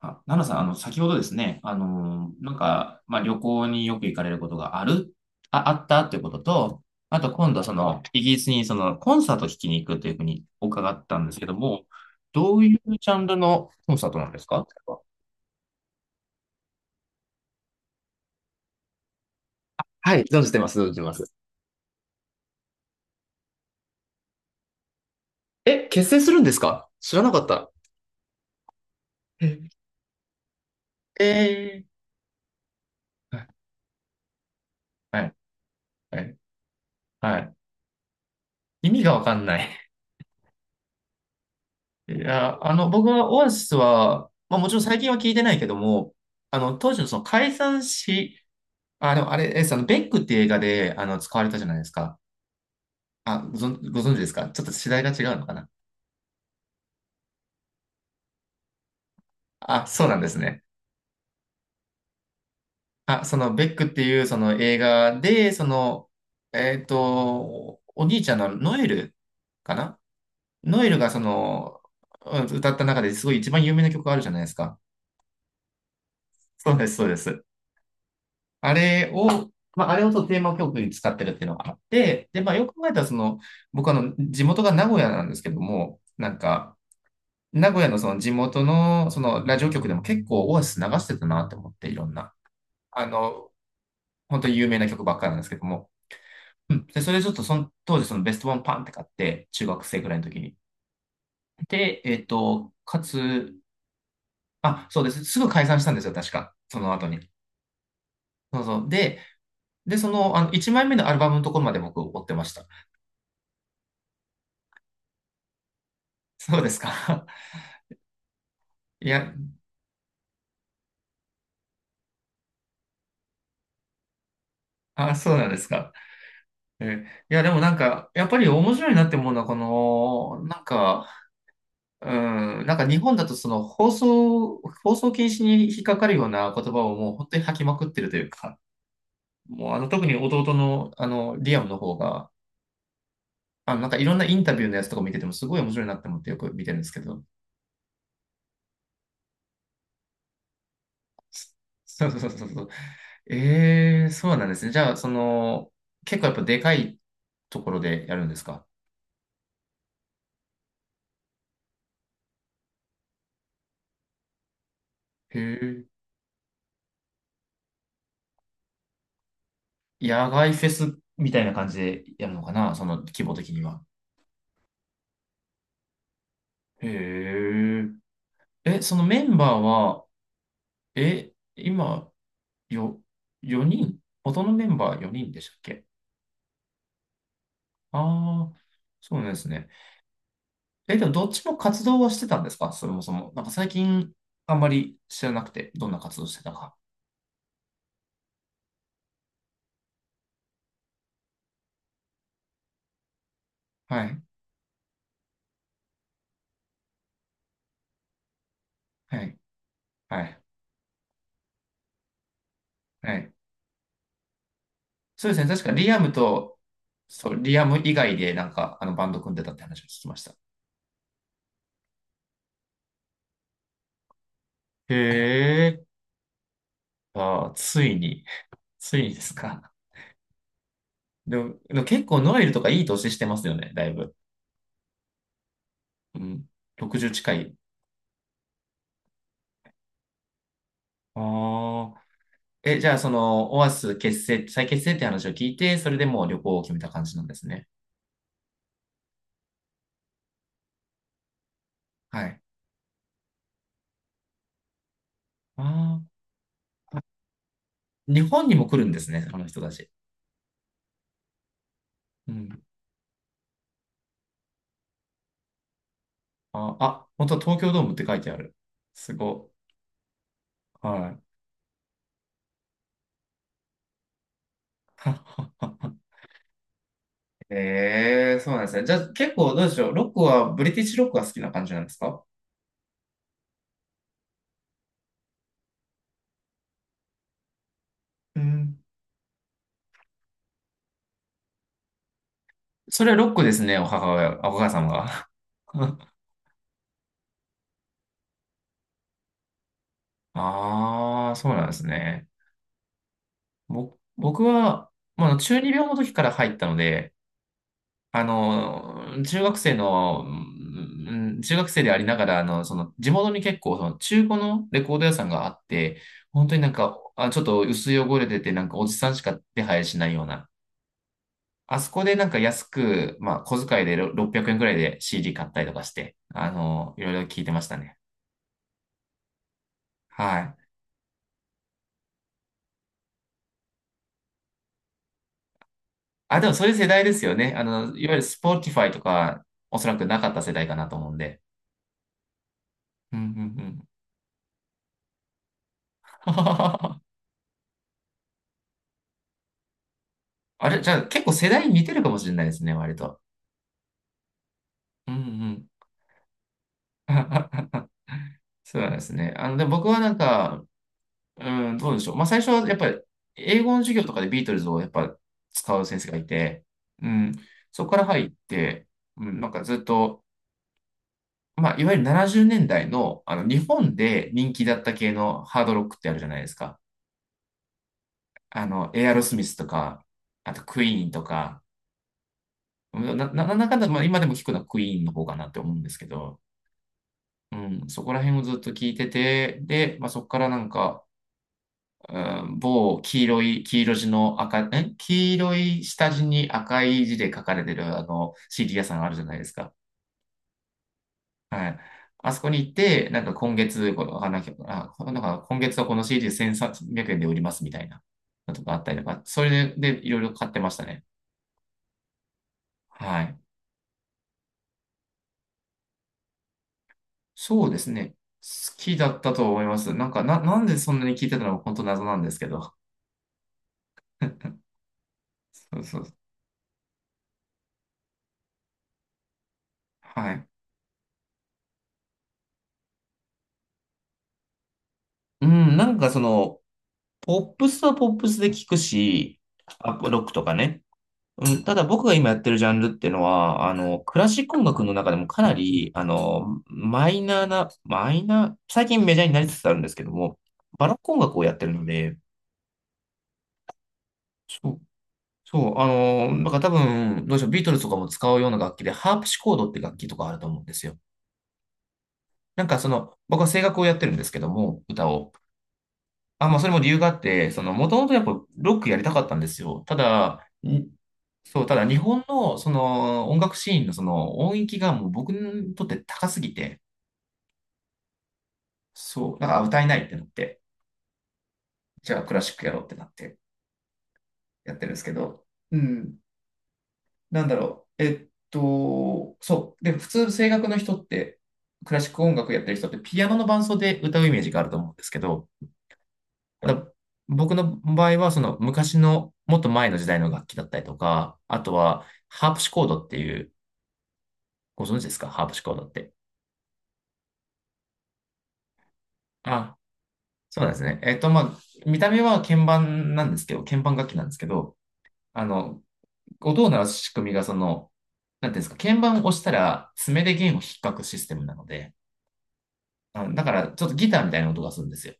ナナさん、先ほどですね、旅行によく行かれることがある、あ、あったってことと、あと今度、イギリスにコンサート聞きに行くというふうに伺ったんですけども、どういうジャンルのコンサートなんですか？はい、存じてます。え、結成するんですか？知らなかった。ええーはい、はい、はい。意味がわかんない。いや、僕はオアシスは、まあもちろん最近は聞いてないけども、あの、当時のその解散し、あ、でもあれ、え、ベックって映画で、使われたじゃないですか。あ、ご存知ですか？ちょっと世代が違うのかな。あ、そうなんですね。あ、ベックっていう、その映画で、お兄ちゃんのノエル、かな。ノエルが、その、うん歌った中ですごい一番有名な曲があるじゃないですか。そうです、そうです。あれを、まあ、あれをそのテーマ曲に使ってるっていうのがあって、で、まあ、よく考えたら、僕地元が名古屋なんですけども、なんか、名古屋のその地元のそのラジオ局でも結構オアシス流してたなって思って、いろんな。あの、本当に有名な曲ばっかりなんですけども。うん。で、それちょっとその当時そのベストワンパンって買って、中学生ぐらいの時に。で、えっと、かつ、あ、そうです。すぐ解散したんですよ、確か。その後に。そうそう。で、1枚目のアルバムのところまで僕追ってました。そうですか。いや、あ、そうなんですか。えー、いや、でもなんか、やっぱり面白いなって思うのは、この、なんか、うん、なんか日本だとその放送禁止に引っかかるような言葉をもう本当に吐きまくってるというか、もう特に弟のリアムの方が、いろんなインタビューのやつとか見ててもすごい面白いなって思ってよく見てるんですけど。そうそうそうそうそう。ええ、そうなんですね。じゃあ、結構やっぱでかいところでやるんですか？へえ。野外フェスみたいな感じでやるのかな、その規模的には。へえ。え、そのメンバーは、え、今、よ、4人、元のメンバー4人でしたっけ？ああー、そうなんですね。え、でもどっちも活動はしてたんですか、そもそも。なんか最近、あんまり知らなくて、どんな活動してたか。はい、はい、はい、はい。そうですね。確かリアムと、そう、リアム以外で、なんか、バンド組んでたって話を聞きました。へえ、あー、ついに、ついにですか。でも、でも結構ノエルとかいい年してますよね、だいぶ。うん、60近い。ああ。え、じゃあ、オアシス結成、再結成って話を聞いて、それでもう旅行を決めた感じなんですね。はい。ああ、日本にも来るんですね、あの人たち。うん。本当は東京ドームって書いてある。すごい。はい。ええ、そうなんですね。じゃあ、結構どうでしょう。ロックは、ブリティッシュロックが好きな感じなんですか？うん。それはロックですね、お母さんが。ああ、そうなんですね。僕は、まあ、中二病の時から入ったので、中学生でありながら、地元に結構、中古のレコード屋さんがあって、本当になんか、あ、ちょっと薄汚れてて、なんかおじさんしか手配しないような。あそこでなんか安く、まあ、小遣いで600円くえんくらいで CD 買ったりとかして、いろいろ聞いてましたね。はい。あ、でもそういう世代ですよね。いわゆる Spotify とか、おそらくなかった世代かなと思うんで。うんうんうん。あれ、じゃあ結構世代似てるかもしれないですね、割と。うんうん。そうなんですね。で、僕はなんか、うん、どうでしょう。まあ、最初はやっぱり、英語の授業とかでビートルズをやっぱ使う先生がいて、うん、そこから入って、うん、なんかずっと、まあ、いわゆる70年代の、日本で人気だった系のハードロックってあるじゃないですか。エアロスミスとか、あとクイーンとか、なんだかんだ、まあ、今でも聞くのはクイーンの方かなって思うんですけど、うん、そこら辺をずっと聞いてて、で、まあ、そこからなんか、うん、某黄色い、黄色地の赤、え黄色い下地に赤い字で書かれてるあの CD 屋さんあるじゃないですか。はい。あそこに行って、なんか今月、この、あ、なんか、あなんか今月はこの CD 1300円で売りますみたいなのとかあったりとか、それで、でいろいろ買ってましたね。はい。そうですね。好きだったと思います。なんでそんなに聞いてたのか本当謎なんですけど。そうそう。はい。うん、なんかその、ポップスはポップスで聞くし、ロックとかね。うん、ただ僕が今やってるジャンルっていうのは、クラシック音楽の中でもかなり、マイナー、最近メジャーになりつつあるんですけども、バロック音楽をやってるので、そう、だから多分、どうでしょう、ビートルズとかも使うような楽器で、ハープシコードって楽器とかあると思うんですよ。僕は声楽をやってるんですけども、歌を。あ、まあ、それも理由があって、もともとやっぱロックやりたかったんですよ。ただ、にそう、ただ日本のその音楽シーンのその音域がもう僕にとって高すぎて、そう、なんか歌えないってなって、じゃあクラシックやろうってなってやってるんですけど、うん、で、普通声楽の人って、クラシック音楽やってる人ってピアノの伴奏で歌うイメージがあると思うんですけど、だ僕の場合は、その昔の、もっと前の時代の楽器だったりとか、あとは、ハープシコードっていう、ご存知ですか、ハープシコードって。あ、そうなんですね。見た目は鍵盤なんですけど、鍵盤楽器なんですけど、あの、音を鳴らす仕組みが、なんていうんですか、鍵盤を押したら、爪で弦を引っかくシステムなので、だから、ちょっとギターみたいな音がするんですよ。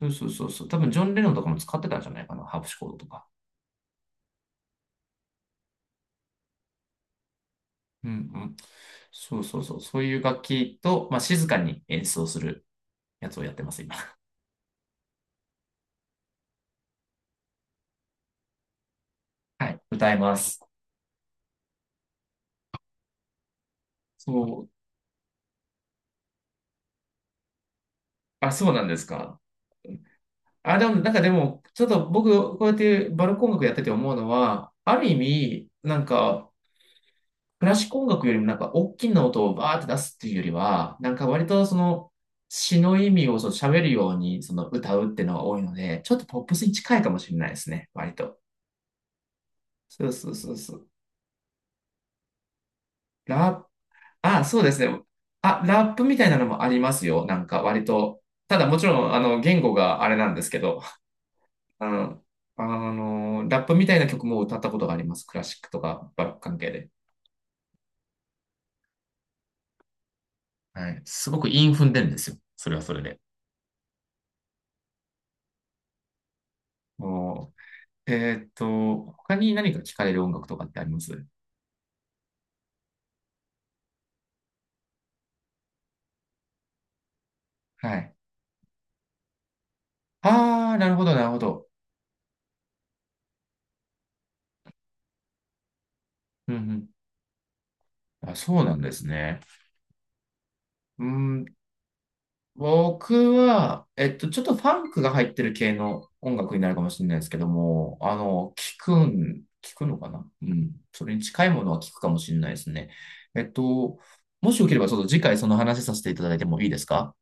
そうそうそうそう。多分、ジョン・レノンとかも使ってたんじゃないかな、ハープシコードとか。うんうん。そうそうそう。そういう楽器と、まあ、静かに演奏するやつをやってます、今。はい。歌います。そう、あ、そうなんですか。あ、でも、なんかでも、ちょっと僕、こうやってバルコン楽やってて思うのは、ある意味、なんか、クラシック音楽よりもなんか、大きな音をバーって出すっていうよりは、なんか割と詩の意味をその喋るようにその歌うっていうのが多いので、ちょっとポップスに近いかもしれないですね、割と。そうそうそうそう。ラあ、そうですね。あ、ラップみたいなのもありますよ。なんか割と。ただもちろん、言語があれなんですけど、あの、あラップみたいな曲も歌ったことがあります。クラシックとかバロック関係で。はい。すごく韻踏んでるんですよ。それはそれで。もう、えーっと、他に何か聞かれる音楽とかってあります？はい。ああ、なるほど、なるほど。うんうん。あ、そうなんですね。うーん、僕は、ちょっとファンクが入ってる系の音楽になるかもしれないですけども、聞くのかな、うん。それに近いものは聞くかもしれないですね。えっと、もしよければ、ちょっと次回その話させていただいてもいいですか？